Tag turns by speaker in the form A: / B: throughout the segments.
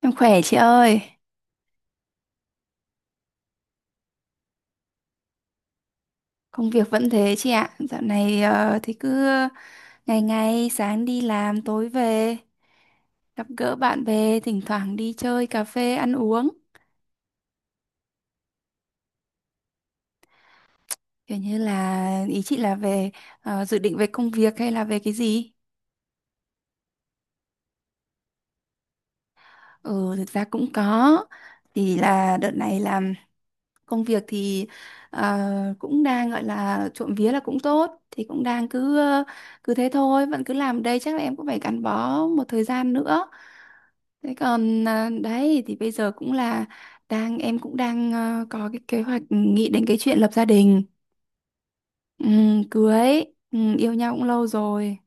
A: Em khỏe chị ơi, công việc vẫn thế chị ạ. Dạo này thì cứ ngày ngày sáng đi làm tối về, gặp gỡ bạn bè, thỉnh thoảng đi chơi cà phê ăn uống. Kiểu như là ý chị là về dự định về công việc hay là về cái gì? Ừ, thực ra cũng có. Thì là đợt này làm công việc thì ờ, cũng đang gọi là trộm vía là cũng tốt, thì cũng đang cứ thế thôi, vẫn cứ làm đây chắc là em cũng phải gắn bó một thời gian nữa. Thế còn đấy thì bây giờ cũng là em cũng đang có cái kế hoạch nghĩ đến cái chuyện lập gia đình. Cưới. Yêu nhau cũng lâu rồi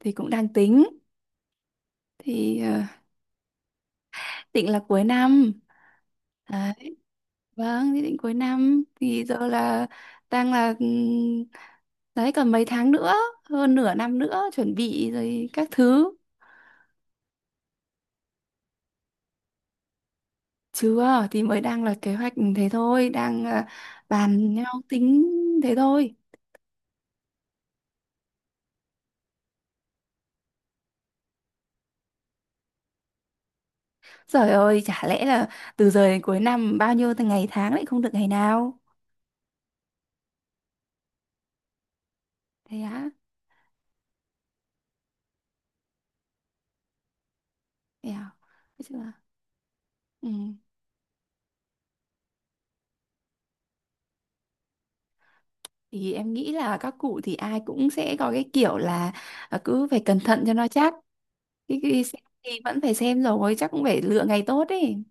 A: thì cũng đang tính thì định là cuối năm. Đấy. Vâng, thì định cuối năm thì giờ là đang là đấy còn mấy tháng nữa, hơn nửa năm nữa chuẩn bị rồi các thứ. Chưa thì mới đang là kế hoạch thế thôi, đang bàn nhau tính thế thôi. Trời ơi, chả lẽ là từ giờ đến cuối năm bao nhiêu ngày tháng lại không được ngày nào? Thế á? Thế à? Nói chung là, ừ. Thì em nghĩ là các cụ thì ai cũng sẽ có cái kiểu là cứ phải cẩn thận cho nó chắc. Cái xem thì vẫn phải xem rồi, chắc cũng phải lựa ngày tốt ấy.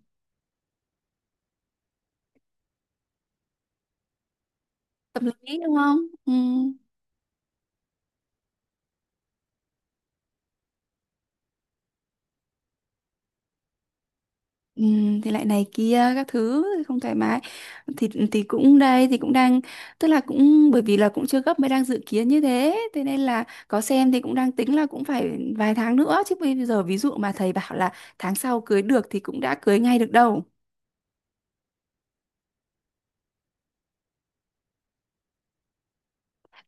A: Tâm lý đúng không? Ừ. Ừ, thì lại này kia các thứ không thoải mái thì cũng đây thì cũng đang tức là cũng bởi vì là cũng chưa gấp mới đang dự kiến như thế, thế nên là có xem thì cũng đang tính là cũng phải vài tháng nữa chứ bây giờ ví dụ mà thầy bảo là tháng sau cưới được thì cũng đã cưới ngay được đâu.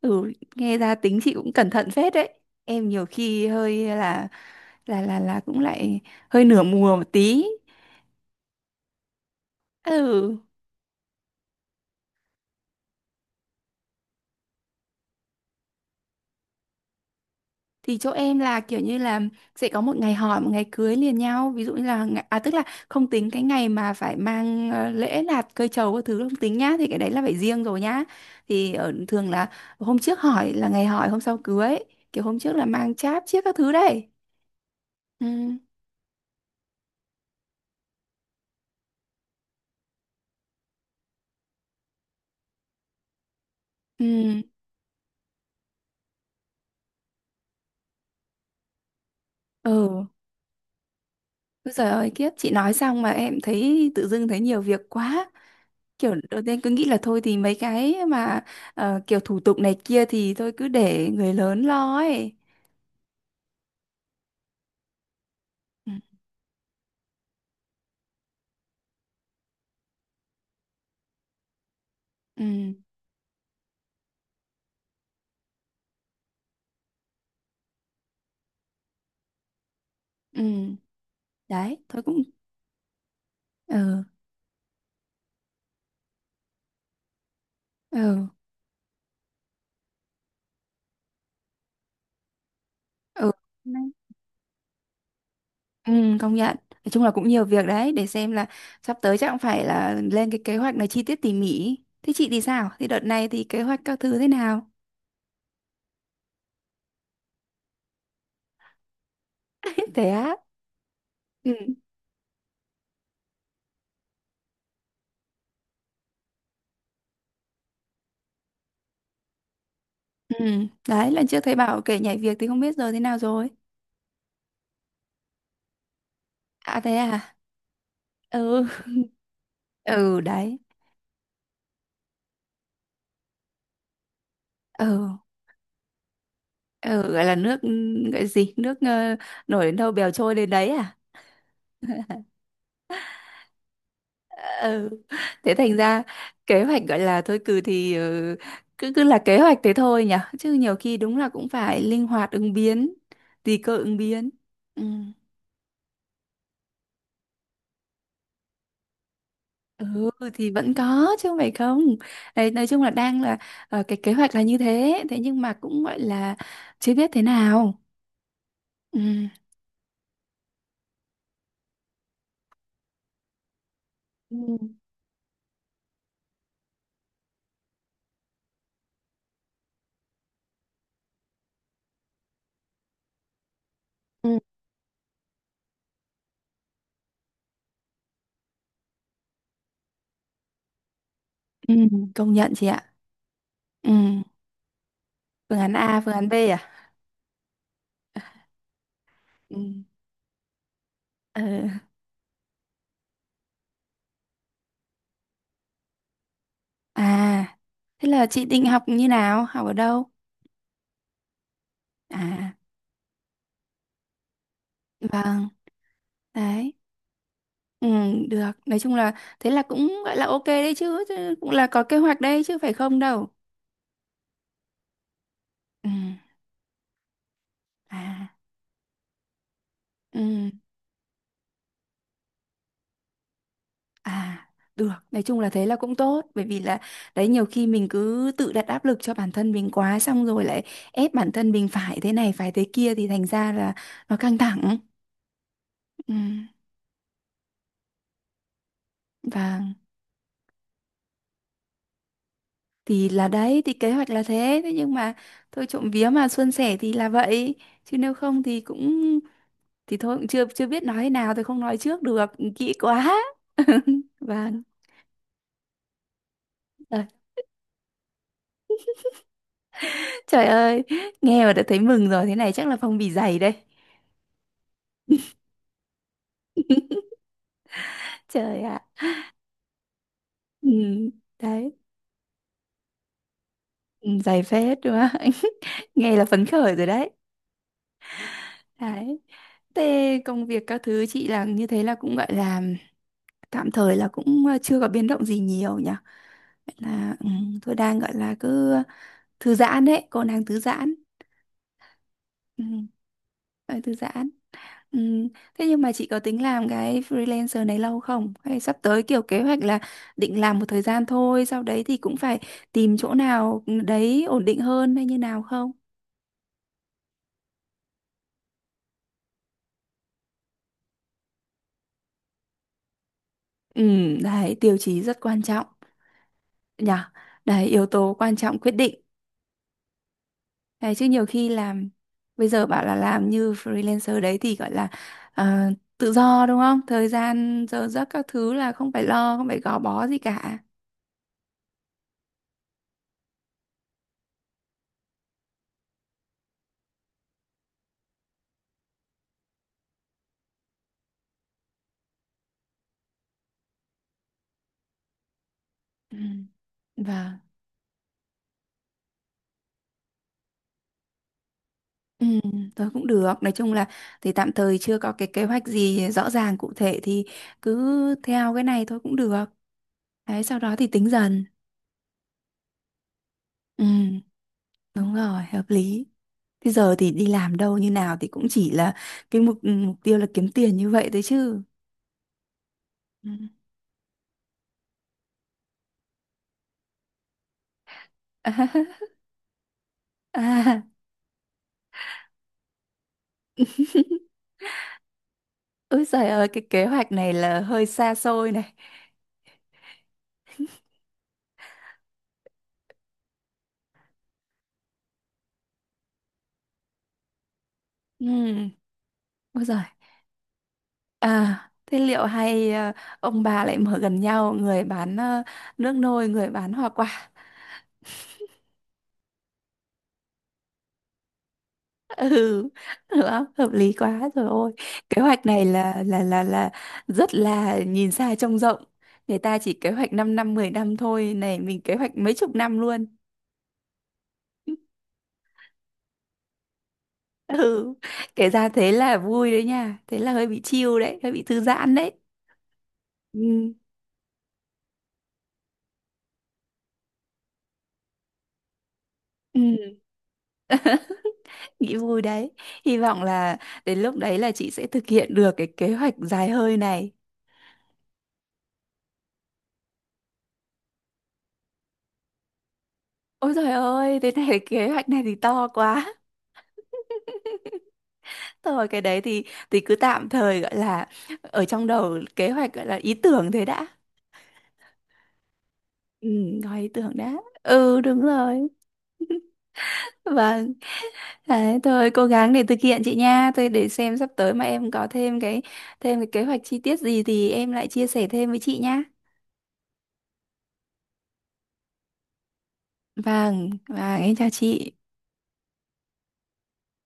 A: Ừ, nghe ra tính chị cũng cẩn thận phết đấy. Em nhiều khi hơi là cũng lại hơi nửa mùa một tí. Ừ, thì chỗ em là kiểu như là sẽ có một ngày hỏi một ngày cưới liền nhau ví dụ như là tức là không tính cái ngày mà phải mang lễ lạt cây trầu các thứ không tính nhá thì cái đấy là phải riêng rồi nhá. Thì ở thường là hôm trước hỏi là ngày hỏi hôm sau cưới, kiểu hôm trước là mang cháp chiếc các thứ đấy. Ừ. Ừ. Ừ. Ôi giời ơi kiếp, chị nói xong mà em thấy tự dưng thấy nhiều việc quá, kiểu đầu tiên cứ nghĩ là thôi thì mấy cái mà kiểu thủ tục này kia thì thôi cứ để người lớn lo ấy. Ừ. Ừ. Ừ, đấy thôi cũng. Ừ. Ừ. Ừ. Ừ, công nhận, nói chung là cũng nhiều việc đấy để xem là sắp tới chắc cũng phải là lên cái kế hoạch này chi tiết tỉ mỉ. Thế chị thì sao, thì đợt này thì kế hoạch các thứ thế nào? Thế á? Ừ. Ừ, đấy lần trước thấy bảo kể nhảy việc thì không biết giờ thế nào rồi. À, thế à? Ừ. Ừ, đấy. Ừ. Ừ, gọi là nước, gọi gì nước, nổi đến đâu bèo trôi đến đấy à? Ừ, thế thành ra kế hoạch gọi là thôi cừ thì cứ cứ là kế hoạch thế thôi nhỉ, chứ nhiều khi đúng là cũng phải linh hoạt ứng biến, tùy cơ ứng biến. Ừ. Ừ, thì vẫn có chứ không phải không, đấy nói chung là đang là cái kế hoạch là như thế, thế nhưng mà cũng gọi là chưa biết thế nào. Ừ. Ừ. Ừ. Ừ, công nhận chị ạ. Ừ. Phương án A, phương án B à? Ừ. Ờ. À, thế là chị định học như nào? Học ở đâu? À, vâng, đấy. Ừ, được. Nói chung là thế là cũng gọi là ok đấy chứ, chứ cũng là có kế hoạch đấy chứ phải không đâu. Ừ, à, ừ, à, được. Nói chung là thế là cũng tốt bởi vì là đấy nhiều khi mình cứ tự đặt áp lực cho bản thân mình quá xong rồi lại ép bản thân mình phải thế này phải thế kia thì thành ra là nó căng thẳng. Ừ. Vâng, thì là đấy thì kế hoạch là thế, thế nhưng mà thôi trộm vía mà suôn sẻ thì là vậy, chứ nếu không thì cũng thì thôi cũng chưa chưa biết nói thế nào thì không nói trước được kỹ quá. Vâng. Ờ, trời ơi, nghe mà đã thấy mừng rồi, thế này chắc là phong bì dày đây. Trời ạ. Ừ, đấy. Ừ, dày phết đúng không? Nghe là phấn khởi rồi đấy. Đấy, thế công việc các thứ chị là như thế là cũng gọi là tạm thời là cũng chưa có biến động gì nhiều nhỉ. Vậy là tôi đang gọi là cứ thư giãn đấy, cô đang thư giãn. ừ, ờ, Thư giãn. Ừ. Thế nhưng mà chị có tính làm cái freelancer này lâu không? Hay sắp tới kiểu kế hoạch là định làm một thời gian thôi, sau đấy thì cũng phải tìm chỗ nào đấy ổn định hơn hay như nào không? Ừ, đấy, tiêu chí rất quan trọng nhỉ. Đấy, yếu tố quan trọng quyết định. Đấy, chứ nhiều khi làm bây giờ bảo là làm như freelancer đấy thì gọi là ờ, tự do đúng không? Thời gian giờ giấc các thứ là không phải lo, không phải gò bó gì cả. Ừ. Vâng. Ừ, thôi cũng được. Nói chung là thì tạm thời chưa có cái kế hoạch gì rõ ràng cụ thể thì cứ theo cái này thôi cũng được. Đấy, sau đó thì tính dần. Ừ, đúng rồi, hợp lý. Thế giờ thì đi làm đâu như nào thì cũng chỉ là cái mục tiêu là kiếm tiền như vậy thôi chứ. Ừ. À, à. Ôi trời ơi, cái kế hoạch này là hơi xa xôi này. Ừ, ôi giời. À, thế liệu hay ông bà lại mở gần nhau, người bán nước nôi, người bán hoa quả. Ừ, được không? Hợp lý quá rồi ôi. Kế hoạch này là rất là nhìn xa trông rộng. Người ta chỉ kế hoạch 5 năm, 10 năm thôi, này mình kế hoạch mấy chục năm luôn. Ừ, kể ra thế là vui đấy nha, thế là hơi bị chill đấy, hơi bị thư giãn đấy. Ừ. Ừ. Nghĩ vui đấy. Hy vọng là đến lúc đấy là chị sẽ thực hiện được cái kế hoạch dài hơi này. Ôi trời ơi, thế này cái kế hoạch này thì to quá. Thôi cái đấy thì cứ tạm thời gọi là ở trong đầu kế hoạch gọi là ý tưởng thế đã. Ừ, gọi ý tưởng đã. Ừ, đúng rồi. Vâng, đấy, thôi cố gắng để thực hiện chị nha. Tôi để xem sắp tới mà em có thêm cái kế hoạch chi tiết gì thì em lại chia sẻ thêm với chị nha. Vâng, vâng, em chào chị.